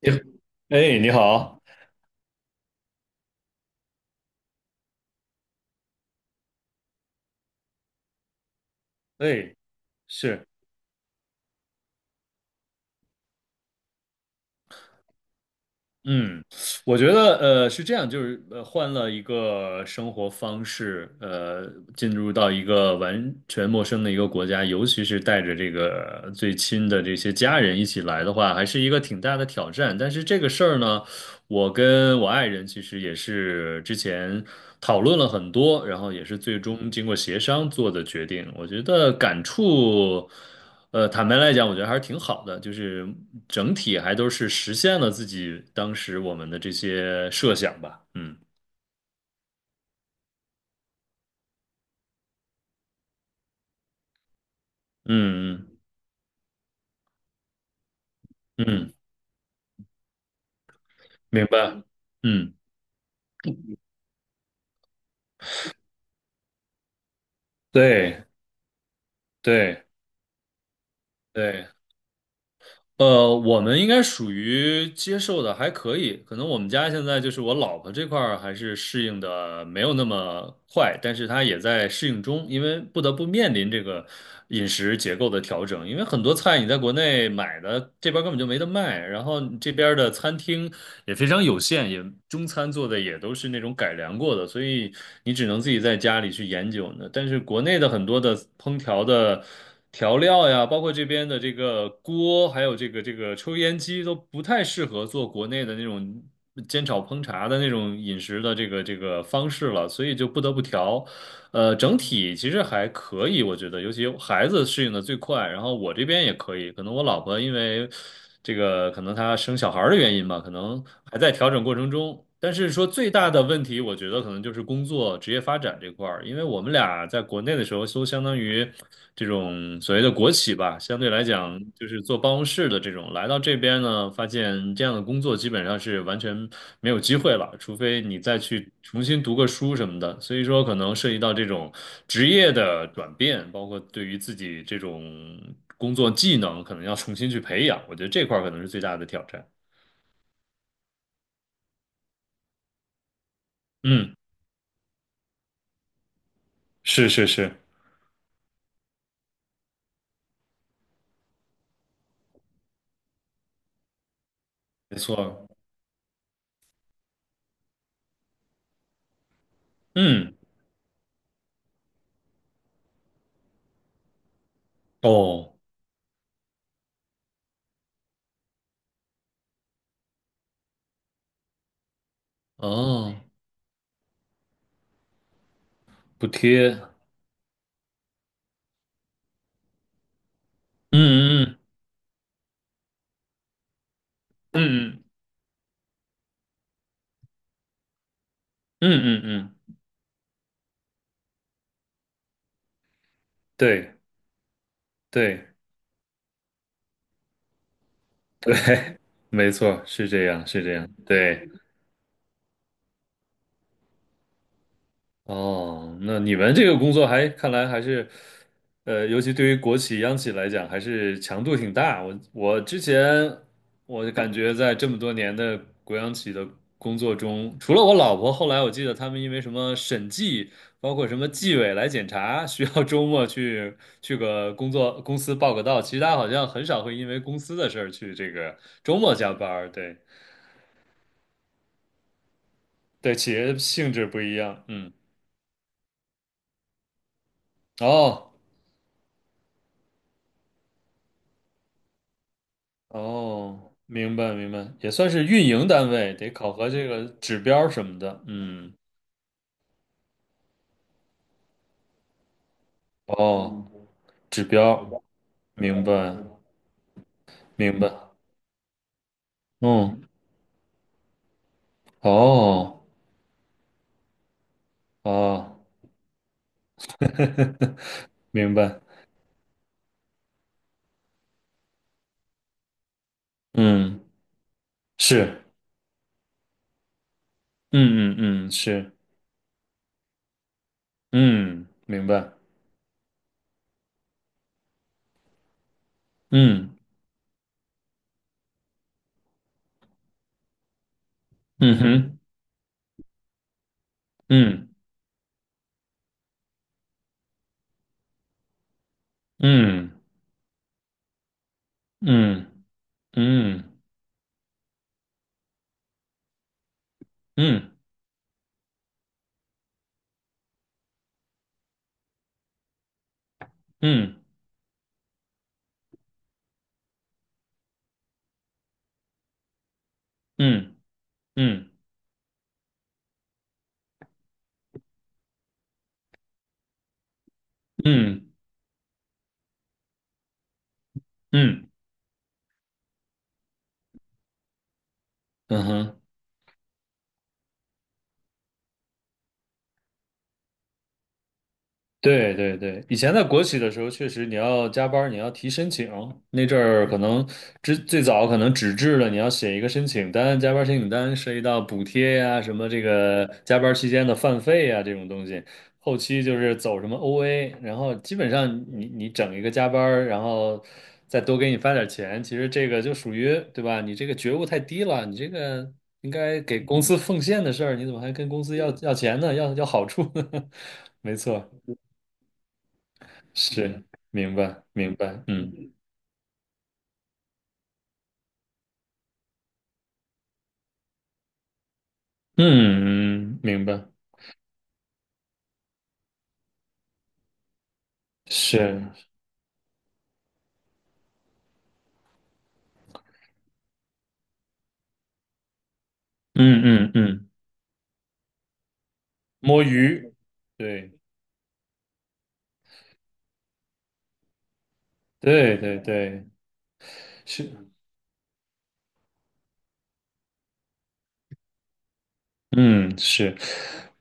你，哎，你好。哎，是。嗯，我觉得是这样，就是换了一个生活方式，进入到一个完全陌生的一个国家，尤其是带着这个最亲的这些家人一起来的话，还是一个挺大的挑战。但是这个事儿呢，我跟我爱人其实也是之前讨论了很多，然后也是最终经过协商做的决定。我觉得感触，坦白来讲，我觉得还是挺好的，就是整体还都是实现了自己当时我们的这些设想吧。嗯嗯嗯嗯，明白。嗯，对对对。我们应该属于接受的还可以，可能我们家现在就是我老婆这块儿还是适应的没有那么快，但是她也在适应中，因为不得不面临这个饮食结构的调整，因为很多菜你在国内买的这边儿根本就没得卖，然后你这边儿的餐厅也非常有限，也中餐做的也都是那种改良过的，所以你只能自己在家里去研究呢。但是国内的很多的烹调的。调料呀，包括这边的这个锅，还有这个抽烟机，都不太适合做国内的那种煎炒烹茶的那种饮食的这个方式了，所以就不得不调。整体其实还可以，我觉得，尤其孩子适应的最快，然后我这边也可以，可能我老婆因为这个可能她生小孩儿的原因吧，可能还在调整过程中。但是说最大的问题，我觉得可能就是工作职业发展这块儿，因为我们俩在国内的时候都相当于。这种所谓的国企吧，相对来讲就是做办公室的这种，来到这边呢，发现这样的工作基本上是完全没有机会了，除非你再去重新读个书什么的。所以说，可能涉及到这种职业的转变，包括对于自己这种工作技能，可能要重新去培养。我觉得这块儿可能是最大的挑战。嗯，是是是，没错。嗯，哦哦，补贴。嗯嗯嗯嗯嗯嗯嗯，嗯对对。对，没错，是这样，是这样，对。哦，那你们这个工作还看来还是，尤其对于国企、央企来讲，还是强度挺大。我之前我感觉在这么多年的国央企的工作中，除了我老婆，后来我记得他们因为什么审计，包括什么纪委来检查，需要周末去个工作公司报个到，其他好像很少会因为公司的事儿去这个周末加班儿。对对，企业性质不一样，嗯。哦哦，明白明白，也算是运营单位，得考核这个指标什么的。嗯，哦，指标，明白明白。嗯，哦哦，明白。嗯，是，嗯嗯嗯是，嗯，明白。嗯嗯哼，嗯嗯嗯嗯嗯嗯嗯嗯嗯嗯嗯嗯哼，对对对，以前在国企的时候，确实你要加班儿你要提申请。那阵儿可能最早可能纸质的，你要写一个申请单，加班儿申请单涉及到补贴呀、什么这个加班儿期间的饭费呀、这种东西。后期就是走什么 OA，然后基本上你整一个加班儿然后再多给你发点儿钱，其实这个就属于对吧？你这个觉悟太低了，你这个应该给公司奉献的事儿，你怎么还跟公司要钱呢？要好处呢？没错。是，明白，明白，嗯嗯，明白，是，嗯嗯嗯，摸鱼，对对对对，是，嗯，是。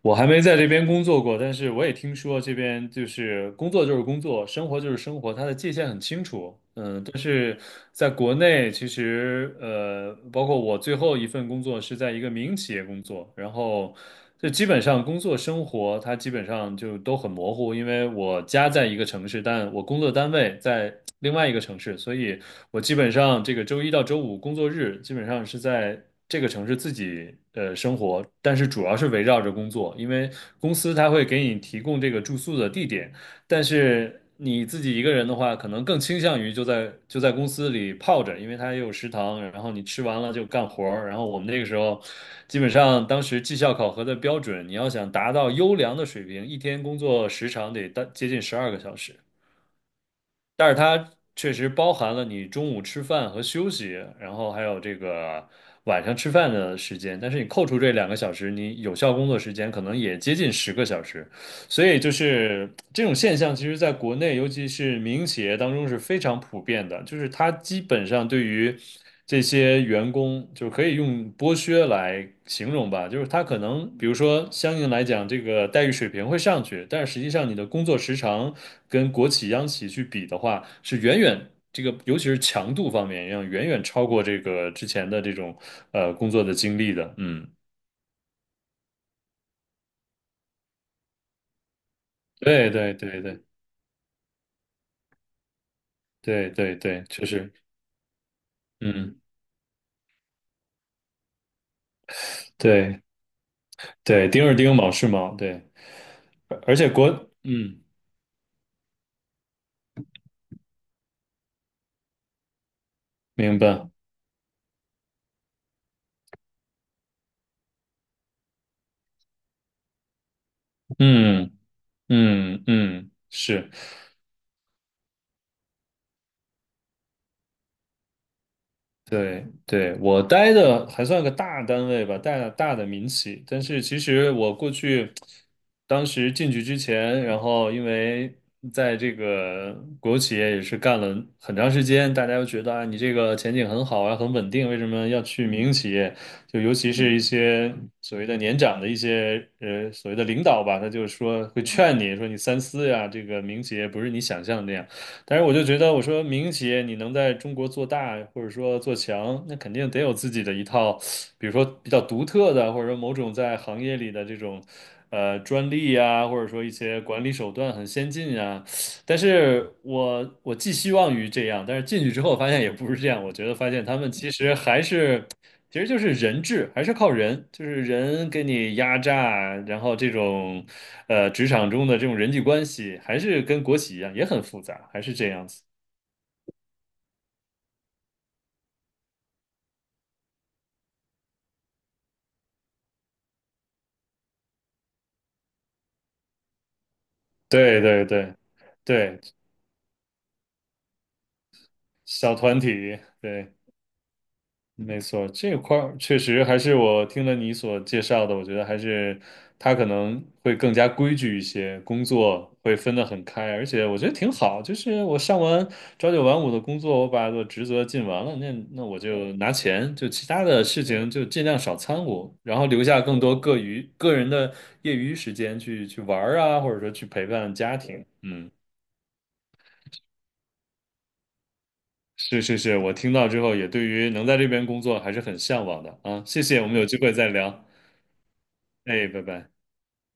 我还没在这边工作过，但是我也听说这边就是工作就是工作，生活就是生活，它的界限很清楚。嗯，但是在国内，其实包括我最后一份工作是在一个民营企业工作，然后就基本上工作生活它基本上就都很模糊，因为我家在一个城市，但我工作单位在另外一个城市，所以。我基本上这个周一到周五工作日，基本上是在这个城市自己生活，但是主要是围绕着工作，因为公司它会给你提供这个住宿的地点，但是你自己一个人的话，可能更倾向于就在公司里泡着，因为它也有食堂，然后你吃完了就干活儿。然后我们那个时候，基本上当时绩效考核的标准，你要想达到优良的水平，一天工作时长得大接近十二个小时。但是它确实包含了你中午吃饭和休息，然后还有这个晚上吃饭的时间。但是你扣除这两个小时，你有效工作时间可能也接近十个小时。所以就是这种现象，其实在国内，尤其是民营企业当中是非常普遍的。就是它基本上对于这些员工，就可以用剥削来形容吧。就是它可能，比如说相应来讲，这个待遇水平会上去，但是实际上你的工作时长跟国企、央企去比的话，是远远这个，尤其是强度方面，要远远超过这个之前的这种工作的经历的。嗯，对对对对对对对，确实，嗯。对，对，丁是丁，卯是卯，对，而且国，嗯，明白，嗯嗯嗯，是。对对，我待的还算个大单位吧，大大的民企。但是其实我过去，当时进去之前，然后因为在这个国有企业也是干了很长时间，大家又觉得啊，你这个前景很好啊，很稳定，为什么要去民营企业？就尤其是一些所谓的年长的一些所谓的领导吧，他就是说会劝你说你三思呀，这个民营企业不是你想象的那样。但是我就觉得，我说民营企业你能在中国做大或者说做强，那肯定得有自己的一套，比如说比较独特的，或者说某种在行业里的这种专利呀，或者说一些管理手段很先进呀。但是我寄希望于这样，但是进去之后发现也不是这样，我觉得发现他们其实还是。其实就是人治，还是靠人，就是人给你压榨，然后这种，职场中的这种人际关系，还是跟国企一样，也很复杂，还是这样子。对对对对，小团体，对。没错，这块儿确实还是我听了你所介绍的，我觉得还是他可能会更加规矩一些，工作会分得很开，而且我觉得挺好。就是我上完朝九晚五的工作，我把我的职责尽完了，那我就拿钱，就其他的事情就尽量少掺和，然后留下更多个余个人的业余时间去去玩儿啊，或者说去陪伴家庭。嗯，是是是，我听到之后也对于能在这边工作还是很向往的啊。谢谢，我们有机会再聊。哎，拜拜。